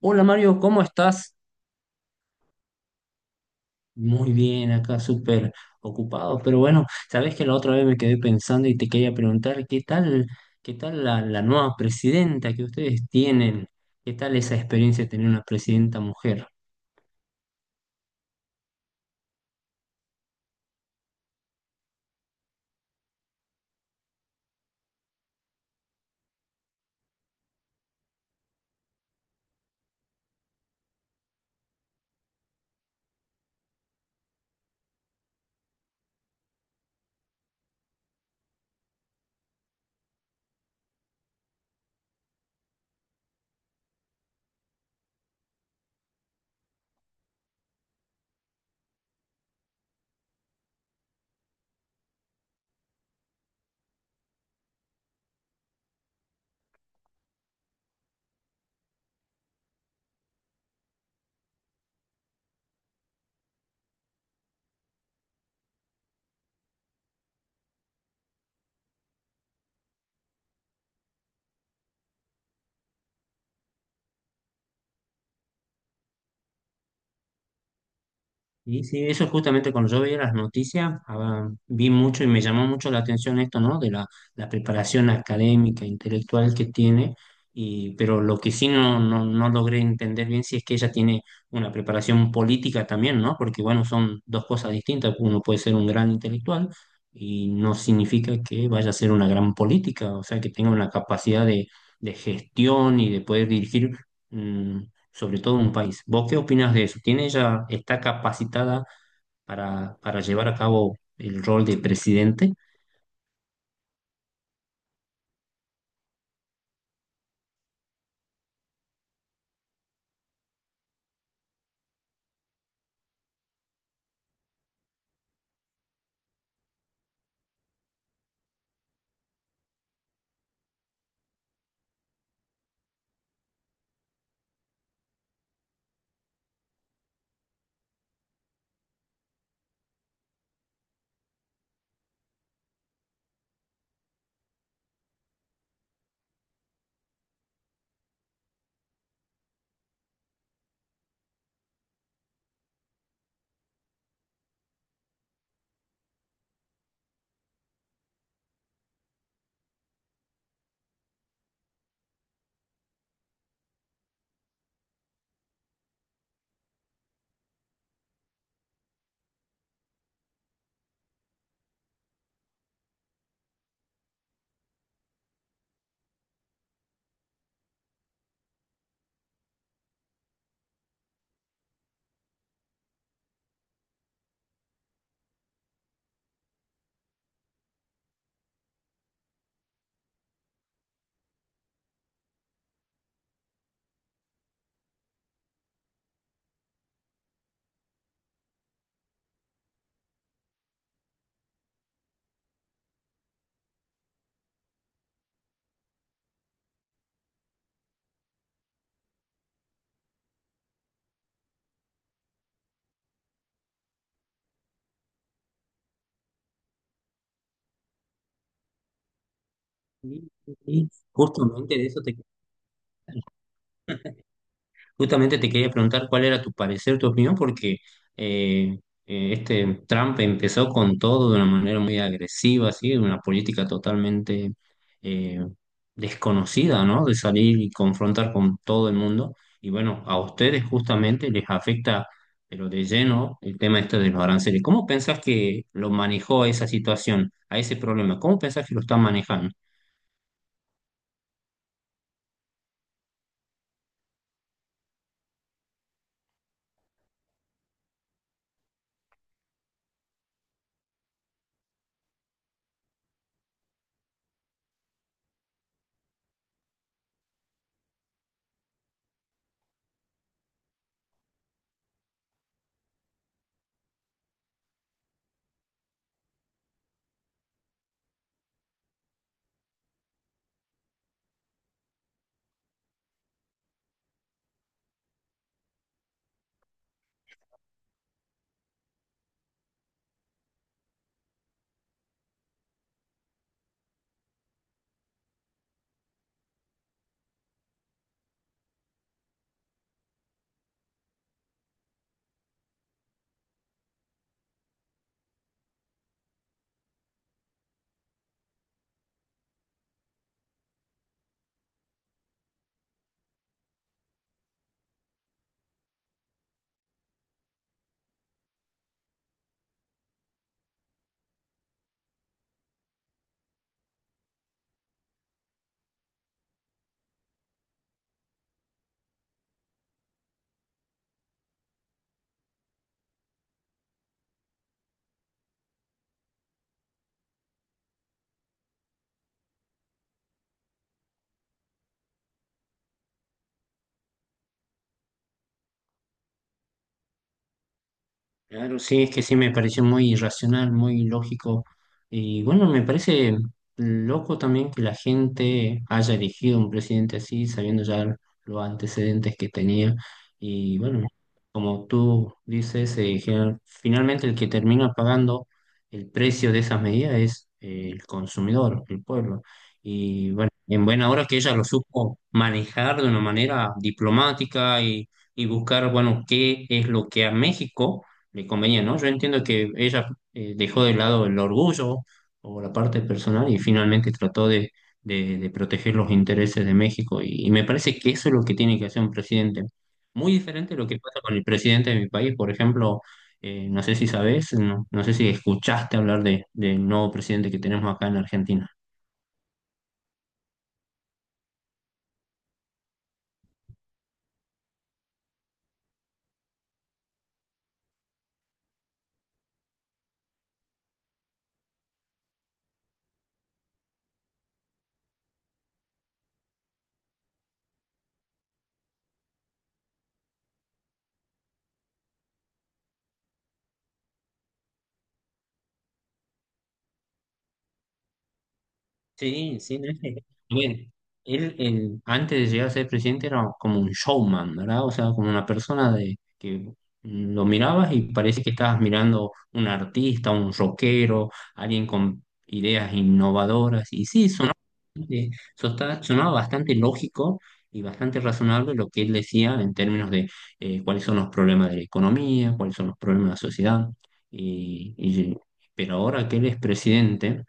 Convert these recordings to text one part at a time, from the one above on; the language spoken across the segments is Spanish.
Hola Mario, ¿cómo estás? Muy bien, acá súper ocupado, pero bueno, sabes que la otra vez me quedé pensando y te quería preguntar qué tal, qué tal la nueva presidenta que ustedes tienen, qué tal esa experiencia de tener una presidenta mujer. Y sí, eso justamente cuando yo veía las noticias, vi mucho y me llamó mucho la atención esto, ¿no? De la preparación académica, intelectual que tiene, y, pero lo que sí no logré entender bien si es que ella tiene una preparación política también, ¿no? Porque bueno, son dos cosas distintas, uno puede ser un gran intelectual y no significa que vaya a ser una gran política, o sea, que tenga una capacidad de gestión y de poder dirigir. mm, Sobre todo un país. ¿Vos qué opinas de eso? ¿Tiene ella, está capacitada para llevar a cabo el rol de presidente? Y, y justamente de eso te Justamente te quería preguntar cuál era tu parecer, tu opinión, porque eh, este Trump empezó con todo de una manera muy agresiva, así, de una política totalmente eh, desconocida, ¿no? De salir y confrontar con todo el mundo. Y bueno, a ustedes justamente les afecta, pero de lleno, el tema este de los aranceles. ¿Cómo pensás que lo manejó a esa situación, a ese problema? ¿Cómo pensás que lo está manejando? Claro, sí, es que sí me pareció muy irracional, muy lógico. Y bueno, me parece loco también que la gente haya elegido un presidente así, sabiendo ya los antecedentes que tenía. Y bueno, como tú dices, finalmente el que termina pagando el precio de esas medidas es el consumidor, el pueblo. Y bueno, en buena hora que ella lo supo manejar de una manera diplomática y buscar, bueno, qué es lo que a México le convenía, ¿no? Yo entiendo que ella dejó de lado el orgullo o la parte personal y finalmente trató de, de proteger los intereses de México. Y me parece que eso es lo que tiene que hacer un presidente. Muy diferente a lo que pasa con el presidente de mi país. Por ejemplo, no sé si sabes, no, no sé si escuchaste hablar de, del nuevo presidente que tenemos acá en Argentina. Sí, sí, no es que- a ver, él antes de llegar a ser presidente era como un showman, ¿verdad? O sea, como una persona de que lo mirabas y parece que estabas mirando un artista, un rockero, alguien con ideas innovadoras. Y sí, bastante- sonaba bastante lógico y bastante razonable lo que él decía en términos de cuáles son los problemas de la economía, cuáles son los problemas de la sociedad. Y, y- pero ahora que él es presidente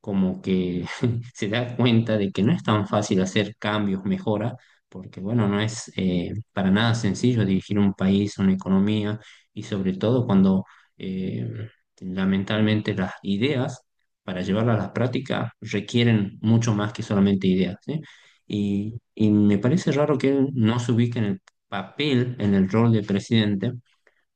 como que se da cuenta de que no es tan fácil hacer cambios, mejoras, porque bueno, no es para nada sencillo dirigir un país, una economía, y sobre todo cuando eh, lamentablemente las ideas para llevarlas a la práctica requieren mucho más que solamente ideas, ¿sí? Y me parece raro que él no se ubique en el papel, en el rol de presidente,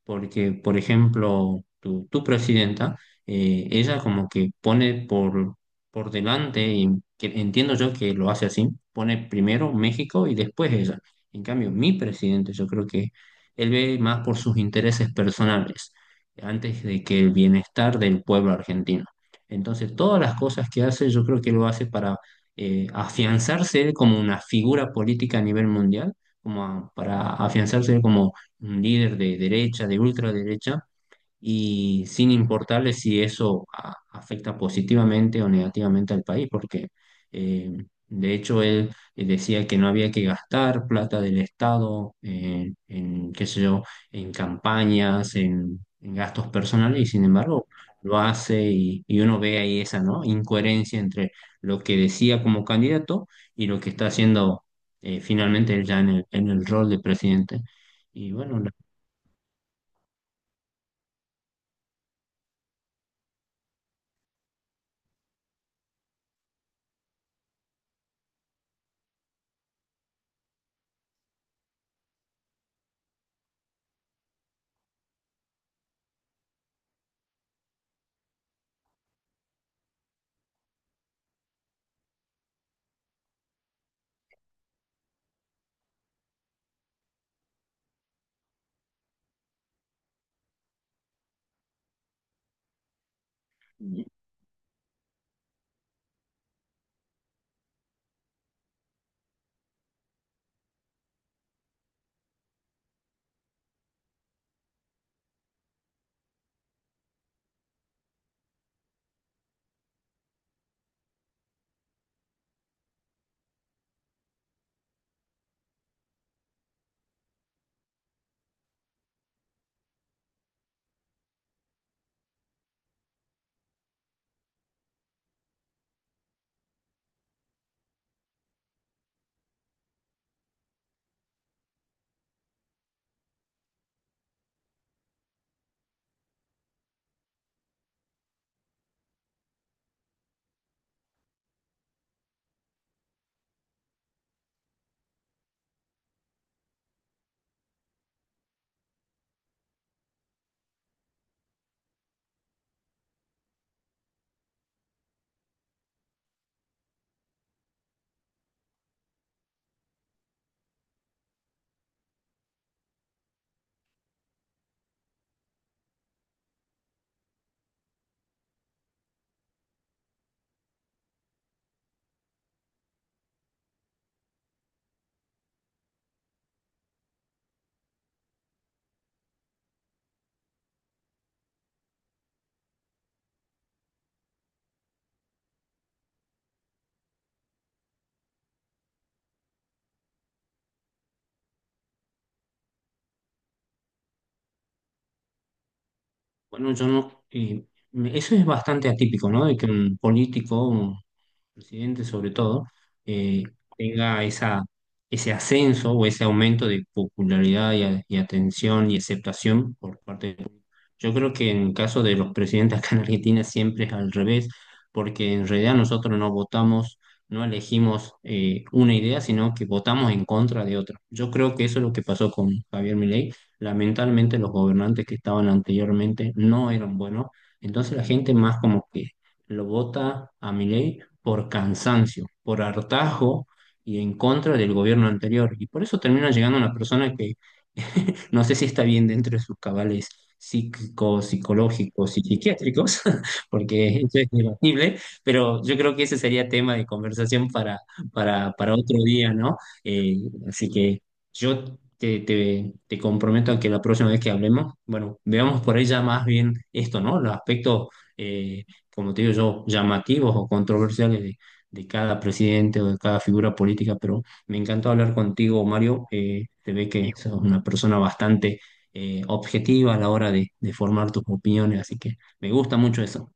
porque, por ejemplo, tu presidenta, ella como que pone por delante, y que entiendo yo que lo hace así, pone primero México y después ella. En cambio, mi presidente, yo creo que él ve más por sus intereses personales, antes de que el bienestar del pueblo argentino. Entonces, todas las cosas que hace, yo creo que lo hace para afianzarse él como una figura política a nivel mundial, como para afianzarse él como un líder de derecha, de ultraderecha, y sin importarle si eso afecta positivamente o negativamente al país, porque eh, de hecho él decía que no había que gastar plata del Estado en, qué sé yo, en campañas, en gastos personales, y sin embargo lo hace y uno ve ahí esa, ¿no? Incoherencia entre lo que decía como candidato y lo que está haciendo finalmente él ya en el rol de presidente. Y bueno, bueno, yo no. Eso es bastante atípico, ¿no? De que un político, presidente sobre todo, eh, tenga esa, ese ascenso o ese aumento de popularidad y, y atención y aceptación por parte del público. Yo creo que en el caso de los presidentes acá en Argentina siempre es al revés, porque en realidad nosotros no votamos, no elegimos una idea, sino que votamos en contra de otra. Yo creo que eso es lo que pasó con Javier Milei. Lamentablemente los gobernantes que estaban anteriormente no eran buenos, entonces la gente más como que lo vota a Milei por cansancio, por hartazgo y en contra del gobierno anterior. Y por eso termina llegando una persona que no sé si está bien dentro de sus cabales psíquicos, psicológicos y psiquiátricos, porque eso es debatible, pero yo creo que ese sería tema de conversación para otro día, ¿no? Eh, Así que yo te comprometo a que la próxima vez que hablemos, bueno, veamos por ella más bien esto, ¿no? Los aspectos... eh, como te digo yo, llamativos o controversiales de cada presidente o de cada figura política, pero me encantó hablar contigo, Mario. Te ve que sos una persona bastante objetiva a la hora de formar tus opiniones, así que me gusta mucho eso.